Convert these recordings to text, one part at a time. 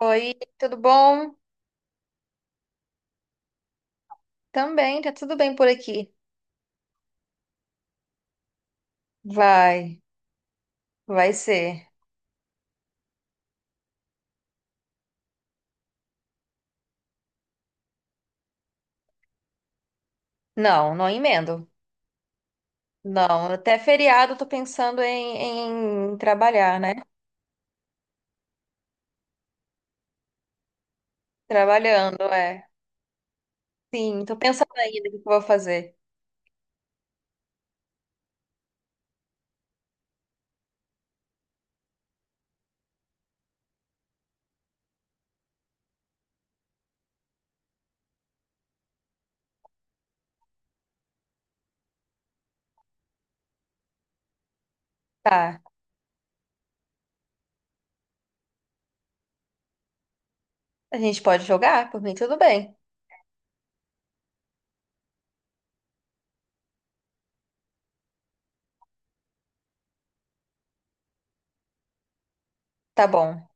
Oi, tudo bom? Também, tá tudo bem por aqui. Vai, vai ser. Não, não emendo. Não, até feriado eu tô pensando em trabalhar, né? Trabalhando, é. Sim, tô pensando ainda o que que eu vou fazer. Tá, a gente pode jogar? Por mim, tudo bem. Tá bom,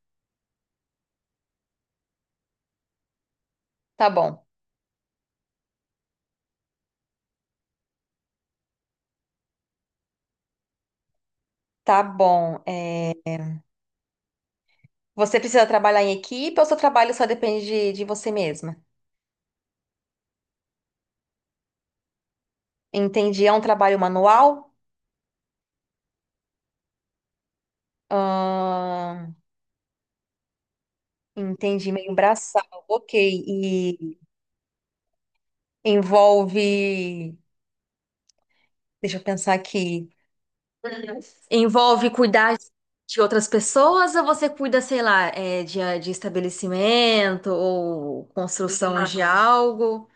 tá bom, tá bom. É, você precisa trabalhar em equipe ou seu trabalho só depende de você mesma? Entendi, é um trabalho manual? Ahn, Entendi, meio braçal. Ok. E envolve. Deixa eu pensar aqui. Envolve cuidar de outras pessoas ou você cuida, sei lá, de estabelecimento ou construção de algo?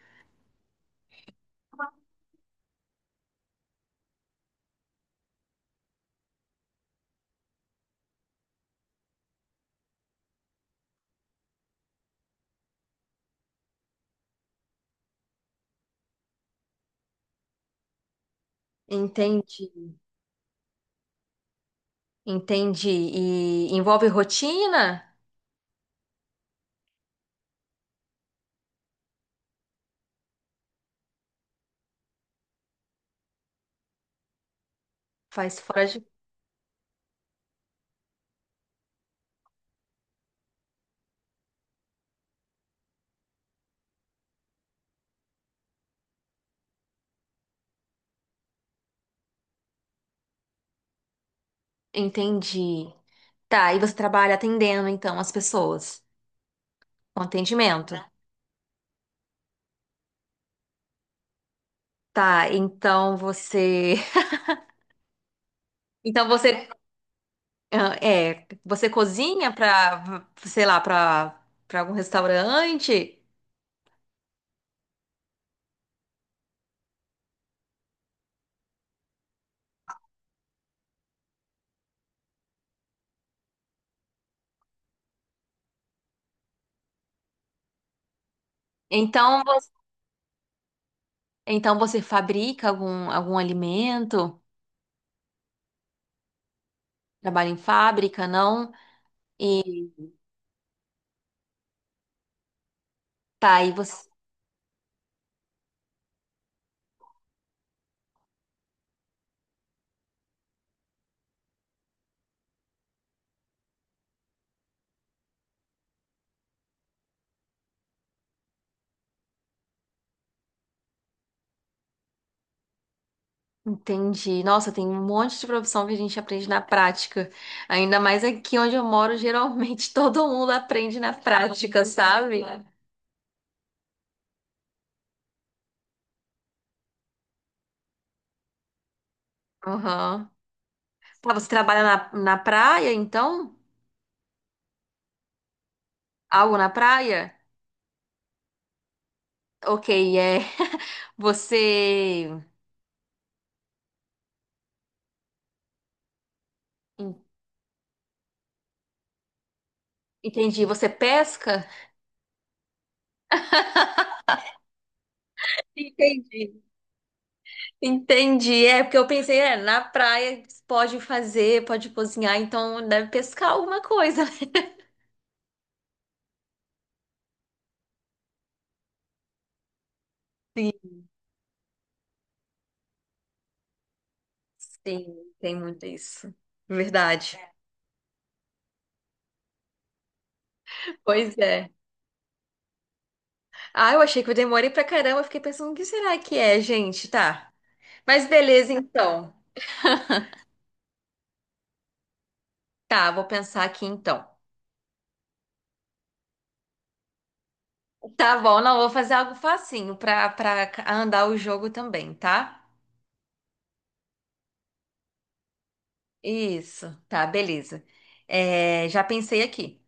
Entendi, entendi. E envolve rotina? Faz fora de. Entendi. Tá, e você trabalha atendendo então as pessoas com atendimento. Tá, então você. Então você ah, é, você cozinha para, sei lá, para para algum restaurante? Então, vo- então você fabrica algum alimento? Trabalha em fábrica, não? Tá, aí você entende. Nossa, tem um monte de profissão que a gente aprende na prática. Ainda mais aqui onde eu moro, geralmente todo mundo aprende na prática, sabe? Aham. Tá, você trabalha na praia, então? Algo na praia? Ok, é. Você. Entendi. Você pesca? Entendi. Entendi. É, porque eu pensei, é, na praia pode fazer, pode cozinhar, então deve pescar alguma coisa. Sim, sim, tem muito isso. Verdade. Pois é. Ah, eu achei que eu demorei pra caramba. Eu fiquei pensando, o que será que é, gente? Tá. Mas beleza, então. Tá, vou pensar aqui então. Tá bom, não, vou fazer algo facinho pra, pra andar o jogo também, tá? Isso, tá, beleza. É, já pensei aqui.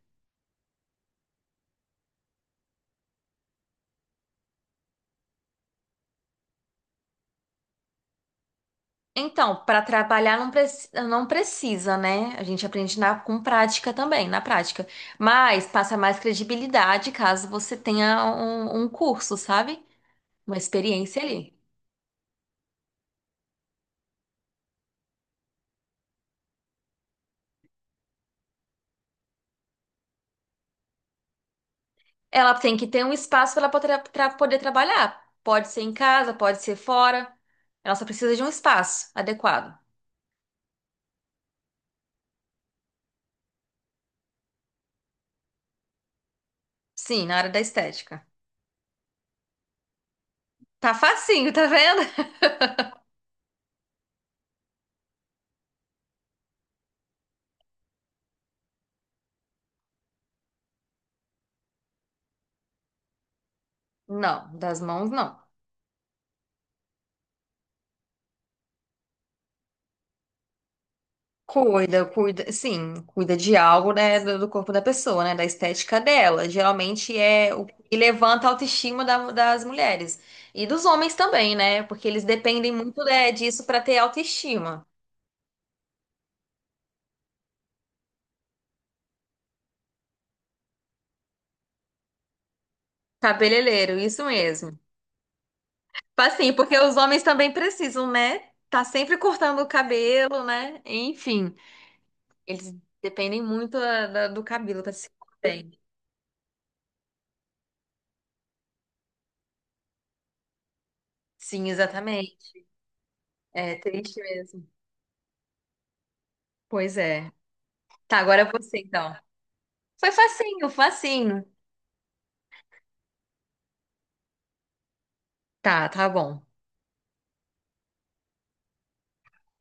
Então, para trabalhar não, não precisa, né? A gente aprende na- com prática também, na prática. Mas passa mais credibilidade caso você tenha um curso, sabe? Uma experiência ali. Ela tem que ter um espaço para ela poder, pra poder trabalhar. Pode ser em casa, pode ser fora. Ela só precisa de um espaço adequado. Sim, na área da estética. Tá facinho, tá vendo? Não, das mãos não. Cuida, cuida, sim, cuida de algo, né, do corpo da pessoa, né, da estética dela. Geralmente é o que levanta a autoestima da- das mulheres e dos homens também, né, porque eles dependem muito, né, disso para ter autoestima. Cabeleireiro, isso mesmo. Tipo assim, porque os homens também precisam, né, tá sempre cortando o cabelo, né, enfim, eles dependem muito da- da- do cabelo para se cortar bem. Sim, exatamente. É triste mesmo. Pois é. Tá, agora é você então. Foi facinho, facinho. Tá, tá bom.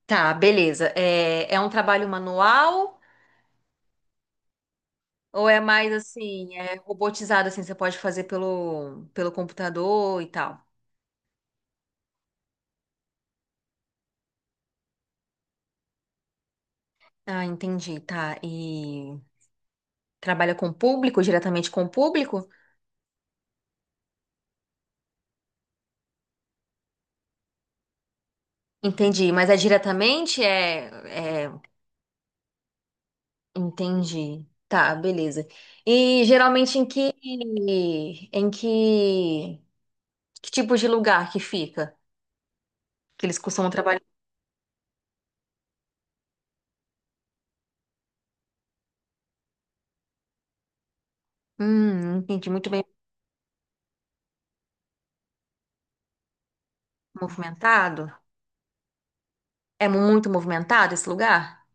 Tá, beleza. É, é um trabalho manual ou é mais assim, é robotizado assim, você pode fazer pelo, pelo computador e tal? Ah, entendi, tá. E trabalha com o público, diretamente com o público? Entendi, mas é diretamente? É, é, entendi. Tá, beleza. E geralmente em que em que, que tipo de lugar que fica? Que eles costumam trabalhar? Entendi muito bem. Movimentado? É muito movimentado esse lugar?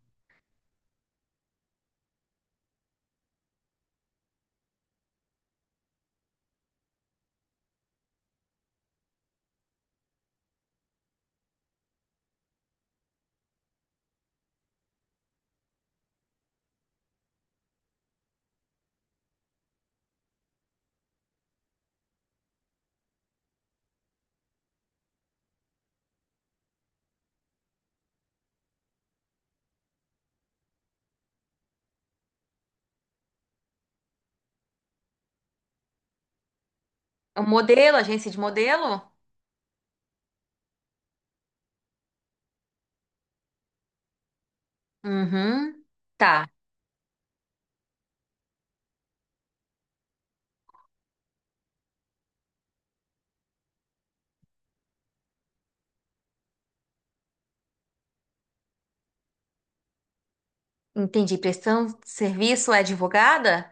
É um modelo, agência de modelo? Uhum. Tá. Entendi. Prestação de serviço é advogada?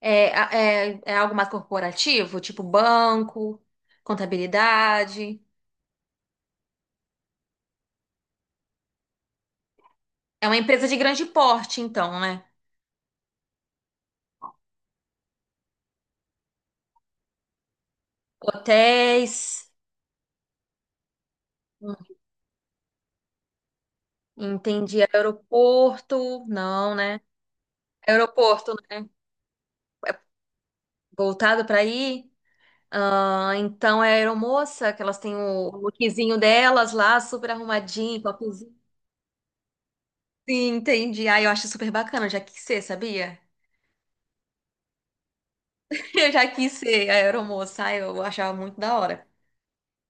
É, é algo mais corporativo, tipo banco, contabilidade. É uma empresa de grande porte, então, né? Hotéis. Hum, Entendi. Aeroporto. Não, né? Aeroporto, né? Voltado para aí? Ah, então é a aeromoça, que elas têm o lookzinho delas lá, super arrumadinho, topzinho. Sim, entendi. Ah, eu acho super bacana, eu já quis ser, sabia? Eu já quis ser a aeromoça, ah, eu achava muito da hora.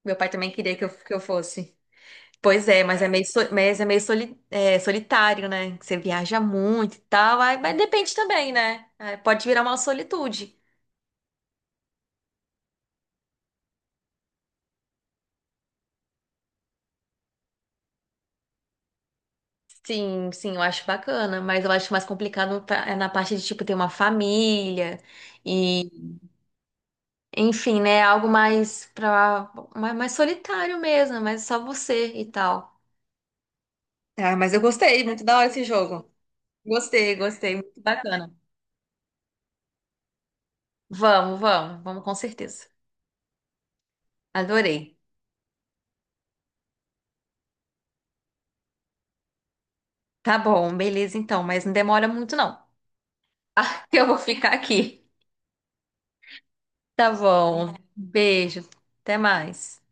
Meu pai também queria que eu fosse. Pois é, mas é meio, mas é meio é, solitário, né? Você viaja muito e tal, aí- mas depende também, né? Aí pode virar uma solitude. Sim, sim, eu acho bacana, mas eu acho mais complicado pra- é na parte de, tipo, ter uma família. e Enfim, né? Algo mais pra, mais, mais solitário mesmo, mas só você e tal. Ah, mas eu gostei, muito da hora esse jogo. Gostei, gostei, muito bacana. Vamos, vamos, vamos com certeza. Adorei. Tá bom, beleza então, mas não demora muito não. Ah, eu vou ficar aqui. Tá bom. Beijo. Até mais.